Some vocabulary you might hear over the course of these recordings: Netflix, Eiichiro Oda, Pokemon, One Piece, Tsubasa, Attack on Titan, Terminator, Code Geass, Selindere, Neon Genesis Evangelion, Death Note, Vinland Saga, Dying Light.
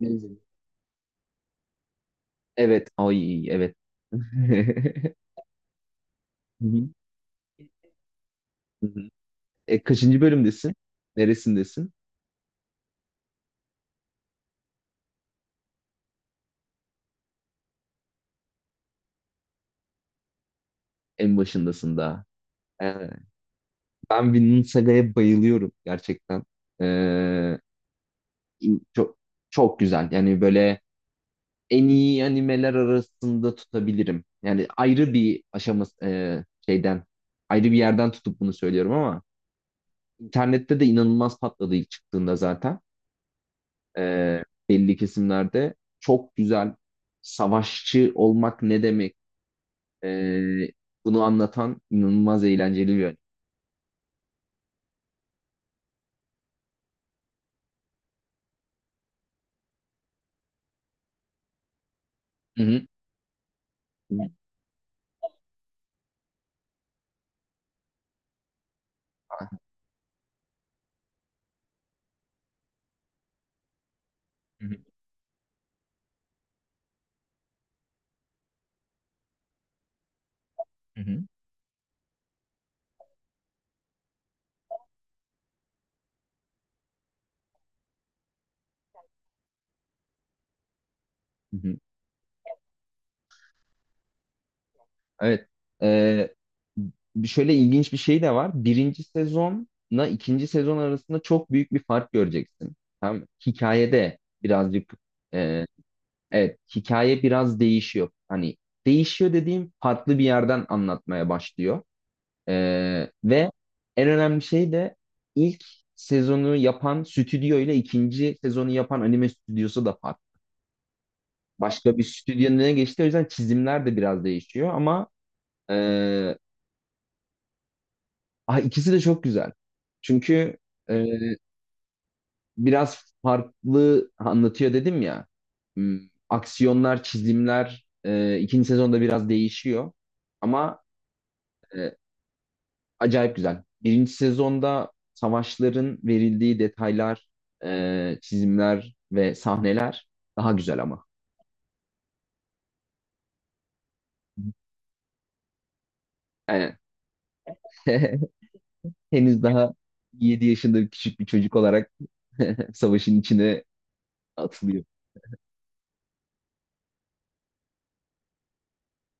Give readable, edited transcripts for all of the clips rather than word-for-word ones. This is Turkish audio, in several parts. Hmm. Evet. Ay evet. Hı hı. Hı hı. Kaçıncı bölümdesin? Neresindesin? En başındasın daha. E, Ben Vinland Saga'ya bayılıyorum gerçekten. E, Çok çok güzel. Yani böyle en iyi animeler arasında tutabilirim. Yani ayrı bir aşaması şeyden ayrı bir yerden tutup bunu söylüyorum ama internette de inanılmaz patladı ilk çıktığında zaten. e, Belli kesimlerde çok güzel savaşçı olmak ne demek, e, bunu anlatan inanılmaz eğlenceli bir yön. Hı hı. Hı hı, hı hı. Hı hı. Evet. Ee, Bir şöyle ilginç bir şey de var. Birinci sezonla ikinci sezon arasında çok büyük bir fark göreceksin. Tamam mı? Hikayede birazcık, e, evet, hikaye biraz değişiyor. Hani değişiyor dediğim farklı bir yerden anlatmaya başlıyor. Ve en önemli şey de ilk sezonu yapan stüdyo ile ikinci sezonu yapan anime stüdyosu da farklı. Başka bir stüdyonun önüne geçti. O yüzden çizimler de biraz değişiyor ama, e, ah, ikisi de çok güzel. Çünkü e, biraz farklı anlatıyor dedim ya. Hmm, Aksiyonlar, çizimler, ikinci sezonda biraz değişiyor. Ama e, acayip güzel. Birinci sezonda savaşların verildiği detaylar, çizimler ve sahneler daha güzel ama. Aynen. Henüz daha 7 yaşında bir küçük bir çocuk olarak savaşın içine atılıyor.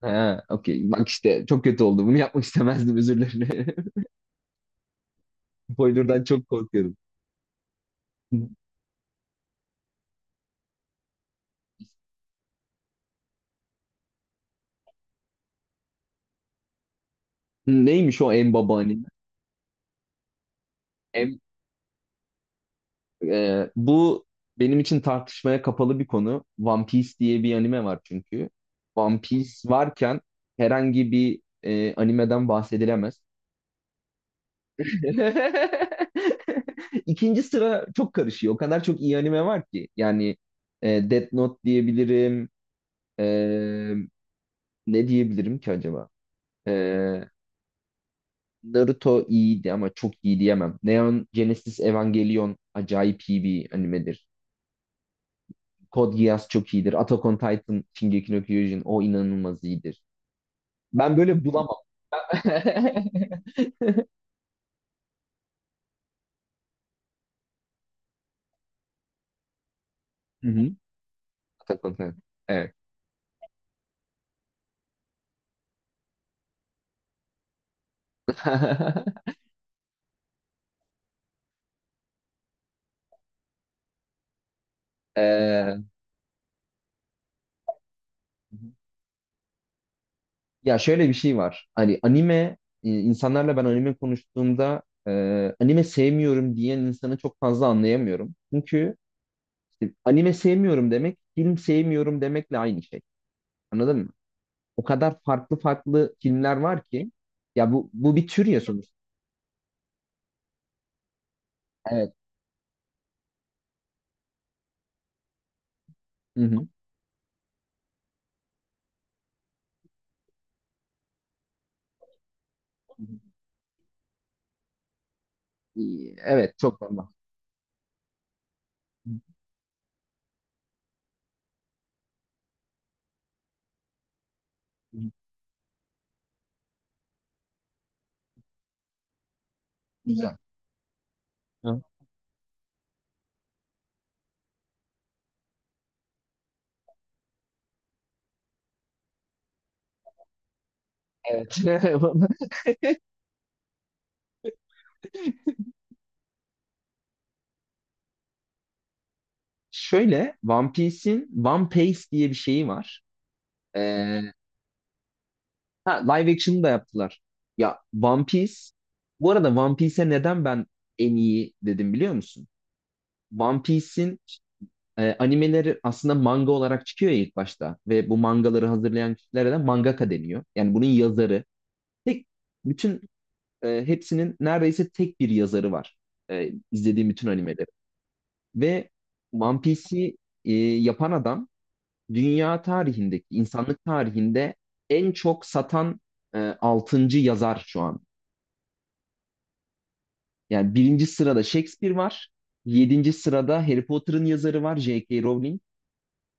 Ha, okey. Bak işte çok kötü oldu. Bunu yapmak istemezdim, özür dilerim. Spoiler'dan çok korkuyorum. Neymiş o en baba anime? Bu benim için tartışmaya kapalı bir konu. One Piece diye bir anime var çünkü. One Piece varken herhangi bir animeden bahsedilemez. İkinci sıra çok karışıyor. O kadar çok iyi anime var ki. Yani Death Note diyebilirim. E, Ne diyebilirim ki acaba? E, Naruto iyiydi ama çok iyi diyemem. Neon Genesis Evangelion acayip iyi bir animedir. Code Geass çok iyidir. Attack on Titan, Shingeki no Kyojin, o inanılmaz iyidir. Ben böyle bulamam. Hı hı. Attack on Titan. Evet. Ee, Ya şöyle bir şey var. Hani anime, insanlarla ben anime konuştuğumda anime sevmiyorum diyen insanı çok fazla anlayamıyorum. Çünkü işte anime sevmiyorum demek film sevmiyorum demekle aynı şey. Anladın mı? O kadar farklı farklı filmler var ki, ya bu bir tür ya sonuçta. Evet. Hı hı. İyi, evet, çok normal. Hı, hı, güzel. Hı, evet. Şöyle, One Piece'in One Piece diye bir şeyi var. Ee, ha, live action'ı da yaptılar. Ya One Piece, bu arada One Piece'e neden ben en iyi dedim biliyor musun? One Piece'in animeleri aslında manga olarak çıkıyor ya ilk başta ve bu mangaları hazırlayan kişilere de mangaka deniyor. Yani bunun yazarı, tek bütün hepsinin neredeyse tek bir yazarı var. İzlediğim bütün animelerin. Ve One Piece'i yapan adam, dünya tarihindeki, insanlık tarihinde en çok satan 6. yazar şu an. Yani birinci sırada Shakespeare var. Yedinci sırada Harry Potter'ın yazarı var, J.K. Rowling.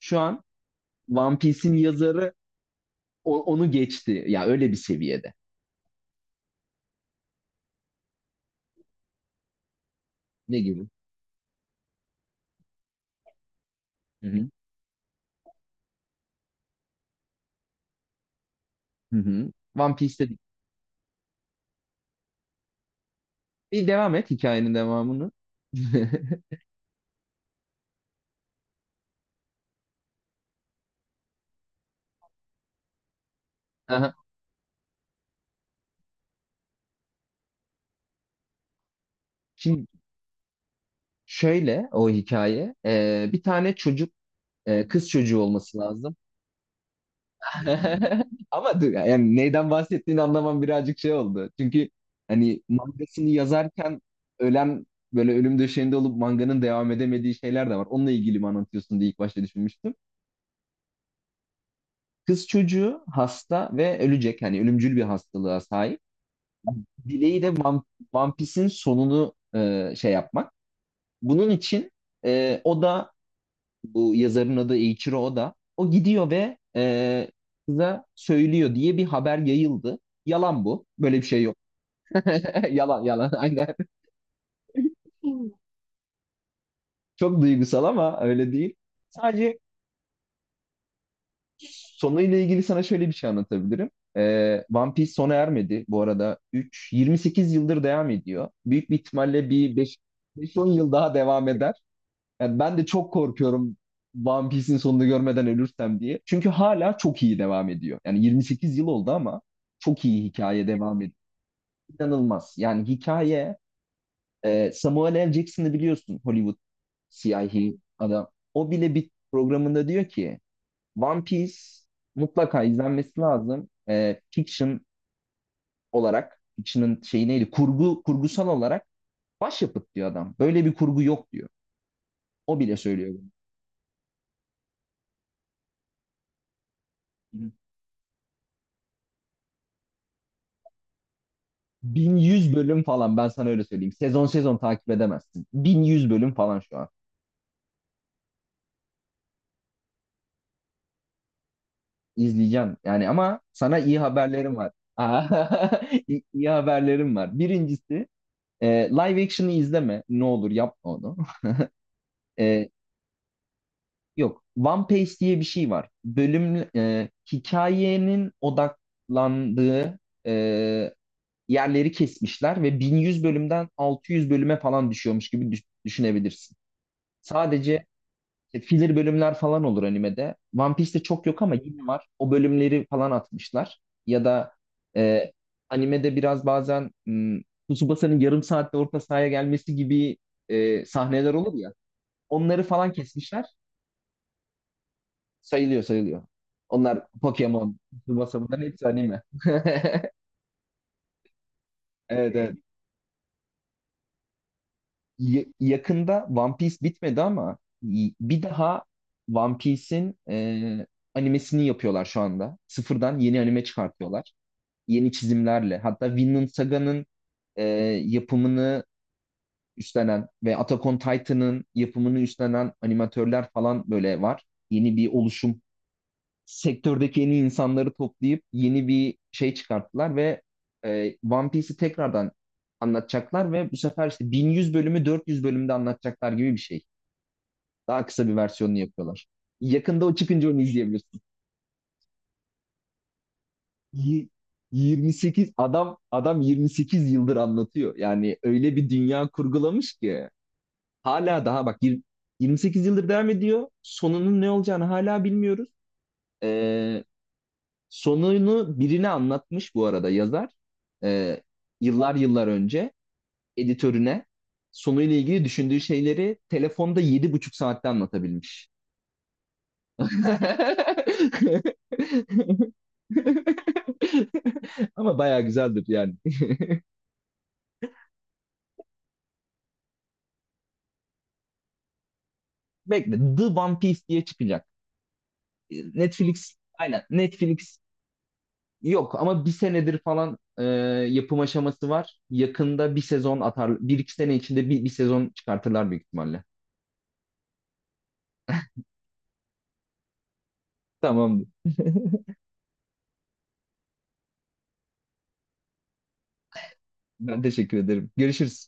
Şu an One Piece'in yazarı onu geçti. Ya, öyle bir seviyede. Ne gibi? Hı hı. Hı hı. One Piece'te değil. Bir devam et hikayenin devamını. Aha. Şimdi şöyle o hikaye. Bir tane çocuk, kız çocuğu olması lazım. Ama dur, yani neyden bahsettiğini anlamam birazcık şey oldu. Çünkü hani mangasını yazarken ölen, böyle ölüm döşeğinde olup manganın devam edemediği şeyler de var. Onunla ilgili mi anlatıyorsun diye ilk başta düşünmüştüm. Kız çocuğu hasta ve ölecek. Hani ölümcül bir hastalığa sahip. Dileği de One Piece'in sonunu şey yapmak. Bunun için, o da, bu yazarın adı Eiichiro Oda. O gidiyor ve kıza söylüyor diye bir haber yayıldı. Yalan bu. Böyle bir şey yok. Yalan yalan aynen. Çok duygusal ama öyle değil. Sadece sonuyla ilgili sana şöyle bir şey anlatabilirim. One Piece sona ermedi bu arada. 3, 28 yıldır devam ediyor. Büyük bir ihtimalle bir 5, 5-10 yıl daha devam eder. Yani ben de çok korkuyorum One Piece'in sonunu görmeden ölürsem diye. Çünkü hala çok iyi devam ediyor. Yani 28 yıl oldu ama çok iyi hikaye devam ediyor. İnanılmaz. Yani hikaye, Samuel L. Jackson'ı biliyorsun, Hollywood siyahi adam. O bile bir programında diyor ki One Piece mutlaka izlenmesi lazım. Fiction olarak, fiction'ın şeyi neydi? Kurgu, kurgusal olarak başyapıt diyor adam. Böyle bir kurgu yok diyor. O bile söylüyor bunu. 1100 bölüm falan, ben sana öyle söyleyeyim. Sezon sezon takip edemezsin. 1100 bölüm falan şu an. İzleyeceğim yani ama sana iyi haberlerim var. İyi, iyi haberlerim var. Birincisi, live action'ı izleme. Ne olur yapma onu. E, Yok. One Piece diye bir şey var. Hikayenin odaklandığı e, yerleri kesmişler ve 1100 bölümden 600 bölüme falan düşüyormuş gibi düşünebilirsin. Sadece, İşte filler bölümler falan olur animede. One Piece'te çok yok ama yine var. O bölümleri falan atmışlar. Ya da e, animede biraz bazen, Tsubasa'nın yarım saatte orta sahaya gelmesi gibi sahneler olur ya. Onları falan kesmişler. Sayılıyor sayılıyor. Onlar Pokemon, Tsubasa, bunların hepsi anime. Evet, evet. Yakında One Piece bitmedi ama bir daha One Piece'in animesini yapıyorlar şu anda. Sıfırdan yeni anime çıkartıyorlar, yeni çizimlerle. Hatta Vinland Saga'nın e, yapımını üstlenen ve Attack on Titan'ın yapımını üstlenen animatörler falan böyle var. Yeni bir oluşum. Sektördeki yeni insanları toplayıp yeni bir şey çıkarttılar ve One Piece'i tekrardan anlatacaklar ve bu sefer işte 1100 bölümü 400 bölümde anlatacaklar gibi bir şey. Daha kısa bir versiyonunu yapıyorlar. Yakında o çıkınca onu izleyebilirsin. y- 28 adam Adam 28 yıldır anlatıyor. Yani öyle bir dünya kurgulamış ki hala daha bak, 28 yıldır devam ediyor. Sonunun ne olacağını hala bilmiyoruz. Ee, Sonunu birine anlatmış bu arada yazar. Ee, Yıllar yıllar önce editörüne sonuyla ilgili düşündüğü şeyleri telefonda 7,5 saatte anlatabilmiş. Ama bayağı güzeldir yani. Bekle, The One Piece diye çıkacak. Netflix, aynen Netflix. Yok ama bir senedir falan yapım aşaması var. Yakında bir sezon atar, bir iki sene içinde bir sezon çıkartırlar büyük ihtimalle. Tamam. Ben teşekkür ederim. Görüşürüz.